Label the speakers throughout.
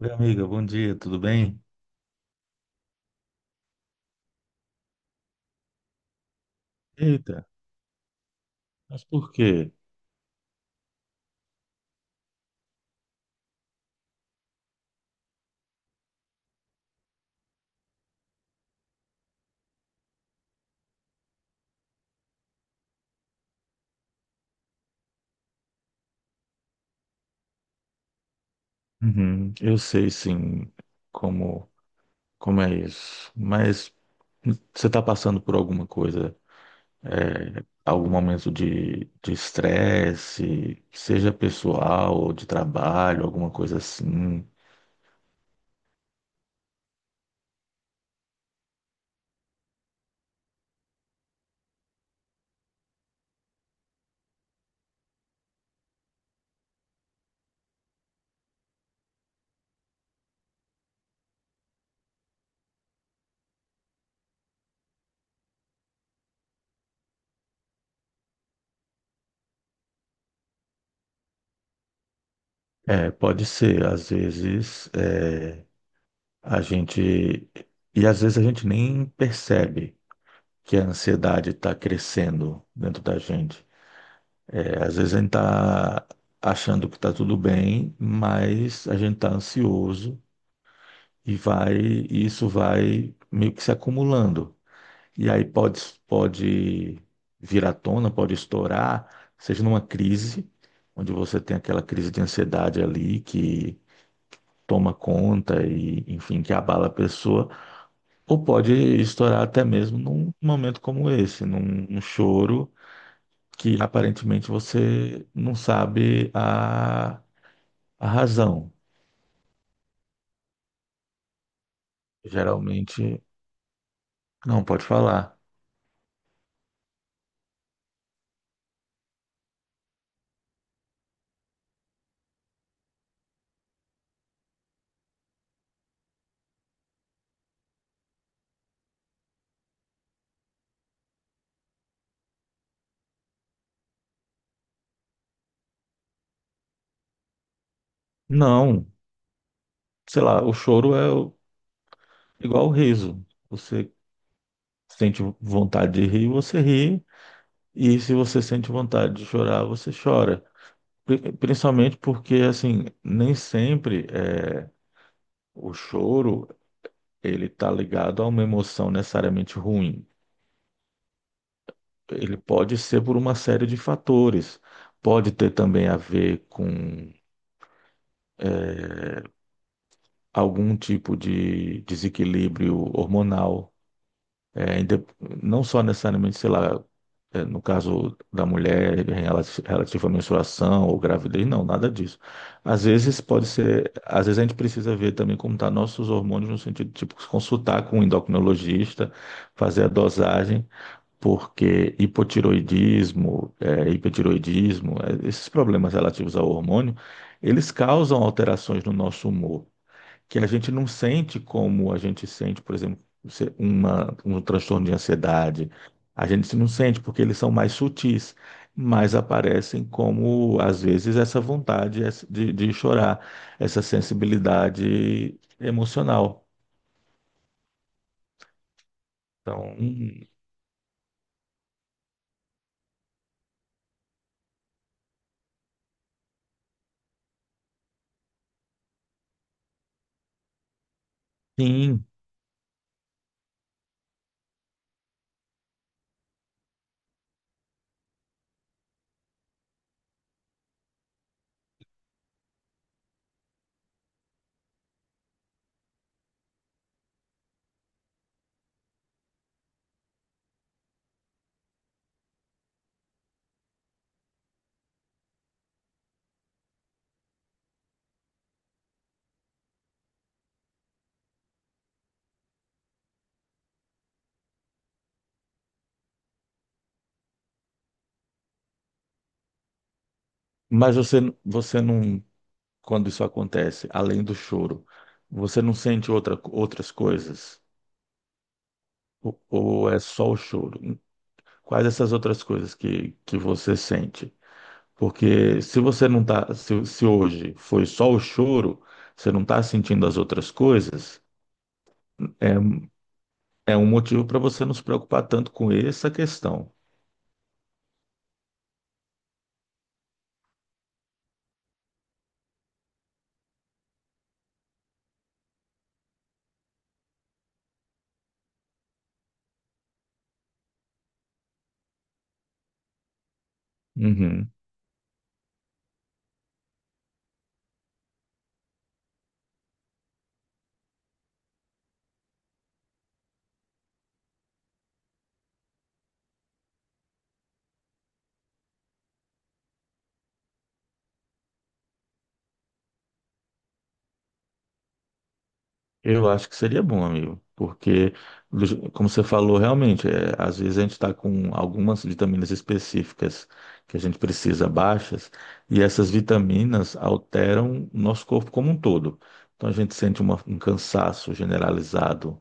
Speaker 1: Oi, amiga, bom dia, tudo bem? Eita, mas por quê? Uhum, eu sei sim como, como é isso, mas você está passando por alguma coisa, algum momento de estresse, seja pessoal ou de trabalho, alguma coisa assim? Pode ser, às vezes é, a gente. E às vezes a gente nem percebe que a ansiedade está crescendo dentro da gente. Às vezes a gente tá achando que tá tudo bem, mas a gente tá ansioso e isso vai meio que se acumulando. E aí pode vir à tona, pode estourar, seja numa crise, onde você tem aquela crise de ansiedade ali que toma conta e, enfim, que abala a pessoa, ou pode estourar até mesmo num momento como esse, num choro que aparentemente você não sabe a razão. Geralmente, não pode falar. Não, sei lá, o choro é o- igual o riso. Você sente vontade de rir, você ri, e se você sente vontade de chorar, você chora. Principalmente porque, assim, nem sempre o choro ele está ligado a uma emoção necessariamente ruim. Ele pode ser por uma série de fatores. Pode ter também a ver com algum tipo de desequilíbrio hormonal. É, inde- não só necessariamente, sei lá, no caso da mulher em relativo à menstruação ou gravidez, não, nada disso. Às vezes a gente precisa ver também como estão nossos hormônios no sentido de tipo, consultar com um endocrinologista, fazer a dosagem, porque hipotiroidismo, hipertiroidismo, esses problemas relativos ao hormônio, eles causam alterações no nosso humor que a gente não sente como a gente sente, por exemplo, um transtorno de ansiedade. A gente se não sente porque eles são mais sutis, mas aparecem como, às vezes, essa vontade de chorar, essa sensibilidade emocional. Então, sim, mas você não, quando isso acontece, além do choro, você não sente outras coisas? Ou é só o choro? Quais essas outras coisas que você sente? Porque se você não tá, se hoje foi só o choro, você não está sentindo as outras coisas, é, é um motivo para você não se preocupar tanto com essa questão. Uhum. Eu acho que seria bom, amigo, porque, como você falou, realmente, às vezes a gente está com algumas vitaminas específicas que a gente precisa baixas, e essas vitaminas alteram o nosso corpo como um todo. Então a gente sente um cansaço generalizado,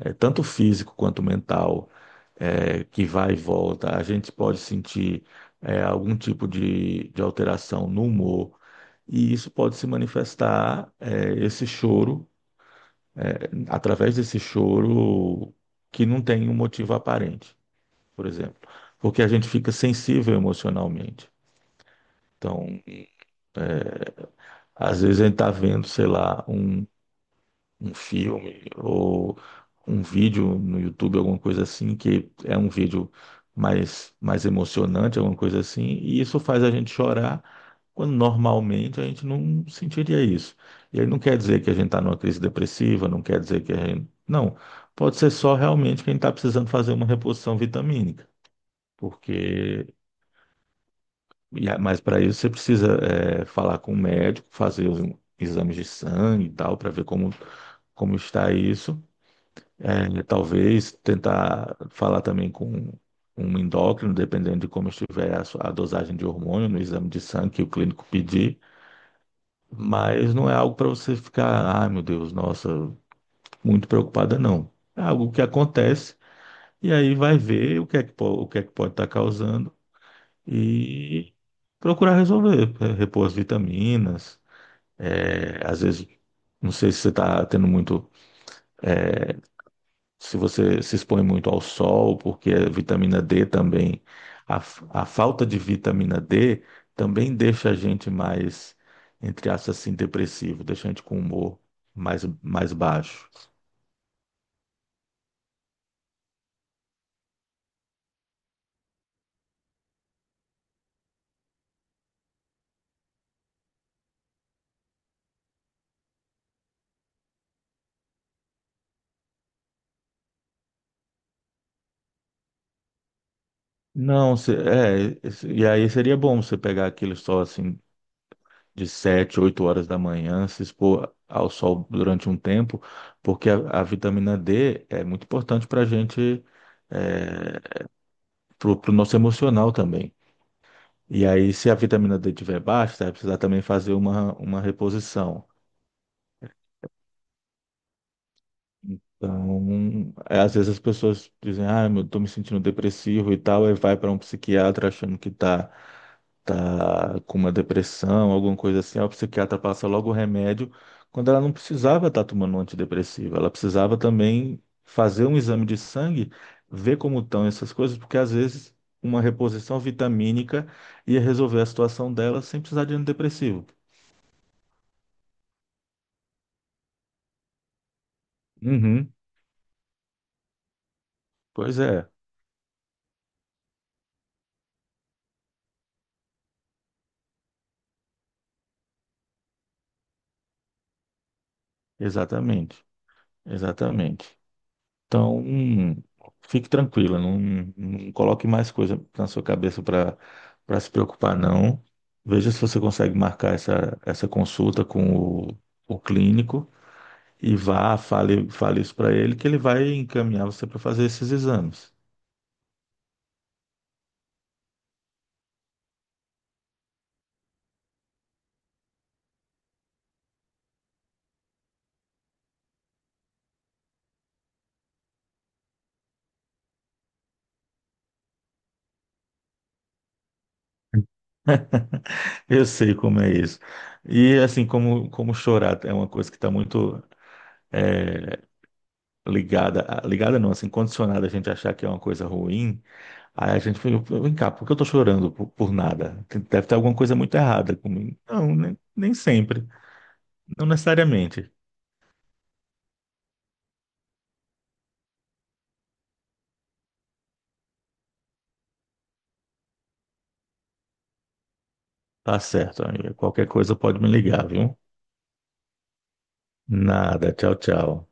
Speaker 1: tanto físico quanto mental. Que vai e volta, a gente pode sentir algum tipo de alteração no humor, e isso pode se manifestar, esse choro, através desse choro que não tem um motivo aparente, por exemplo, porque a gente fica sensível emocionalmente. Então, às vezes a gente está vendo, sei lá, um filme ou um vídeo no YouTube, alguma coisa assim, que é um vídeo mais emocionante, alguma coisa assim, e isso faz a gente chorar quando normalmente a gente não sentiria isso. E aí não quer dizer que a gente está numa crise depressiva, não quer dizer que a gente. Não, pode ser só realmente quem está precisando fazer uma reposição vitamínica, porque. Mas para isso você precisa falar com o médico, fazer os exames de sangue e tal, para ver como está isso. É, talvez tentar falar também com um endócrino, dependendo de como estiver a dosagem de hormônio no exame de sangue que o clínico pedir, mas não é algo para você ficar, ai meu Deus, nossa, muito preocupada, não. É algo que acontece e aí vai ver o que é que, o que é que pode estar causando e procurar resolver, repor as vitaminas, às vezes, não sei se você está tendo muito se você se expõe muito ao sol, porque a vitamina D também, a falta de vitamina D também deixa a gente mais, entre aspas, assim, depressivo, deixa a gente com humor mais baixo. E aí seria bom você pegar aquele sol assim de 7 8 horas da manhã, se expor ao sol durante um tempo, porque a vitamina D é muito importante para a gente, para o nosso emocional também. E aí, se a vitamina D tiver baixa, você vai precisar também fazer uma reposição. Então, às vezes as pessoas dizem, ah, eu tô me sentindo depressivo e tal, aí vai para um psiquiatra achando que tá, tá com uma depressão, alguma coisa assim. Aí o psiquiatra passa logo o remédio, quando ela não precisava estar tomando um antidepressivo, ela precisava também fazer um exame de sangue, ver como estão essas coisas, porque às vezes uma reposição vitamínica ia resolver a situação dela sem precisar de antidepressivo. Uhum. Pois é, exatamente, exatamente. Então, fique tranquila, não, não coloque mais coisa na sua cabeça para se preocupar, não. Veja se você consegue marcar essa consulta com o clínico e vá, fale isso para ele, que ele vai encaminhar você para fazer esses exames. Eu sei como é isso. E assim, como chorar é uma coisa que está muito eh, ligada, ligada não, assim, condicionada a gente achar que é uma coisa ruim. Aí a gente falou, vem cá, por que eu tô chorando por nada? Deve ter alguma coisa muito errada comigo. Não, nem sempre. Não necessariamente. Tá certo, amiga. Qualquer coisa pode me ligar, viu? Nada. Tchau, tchau.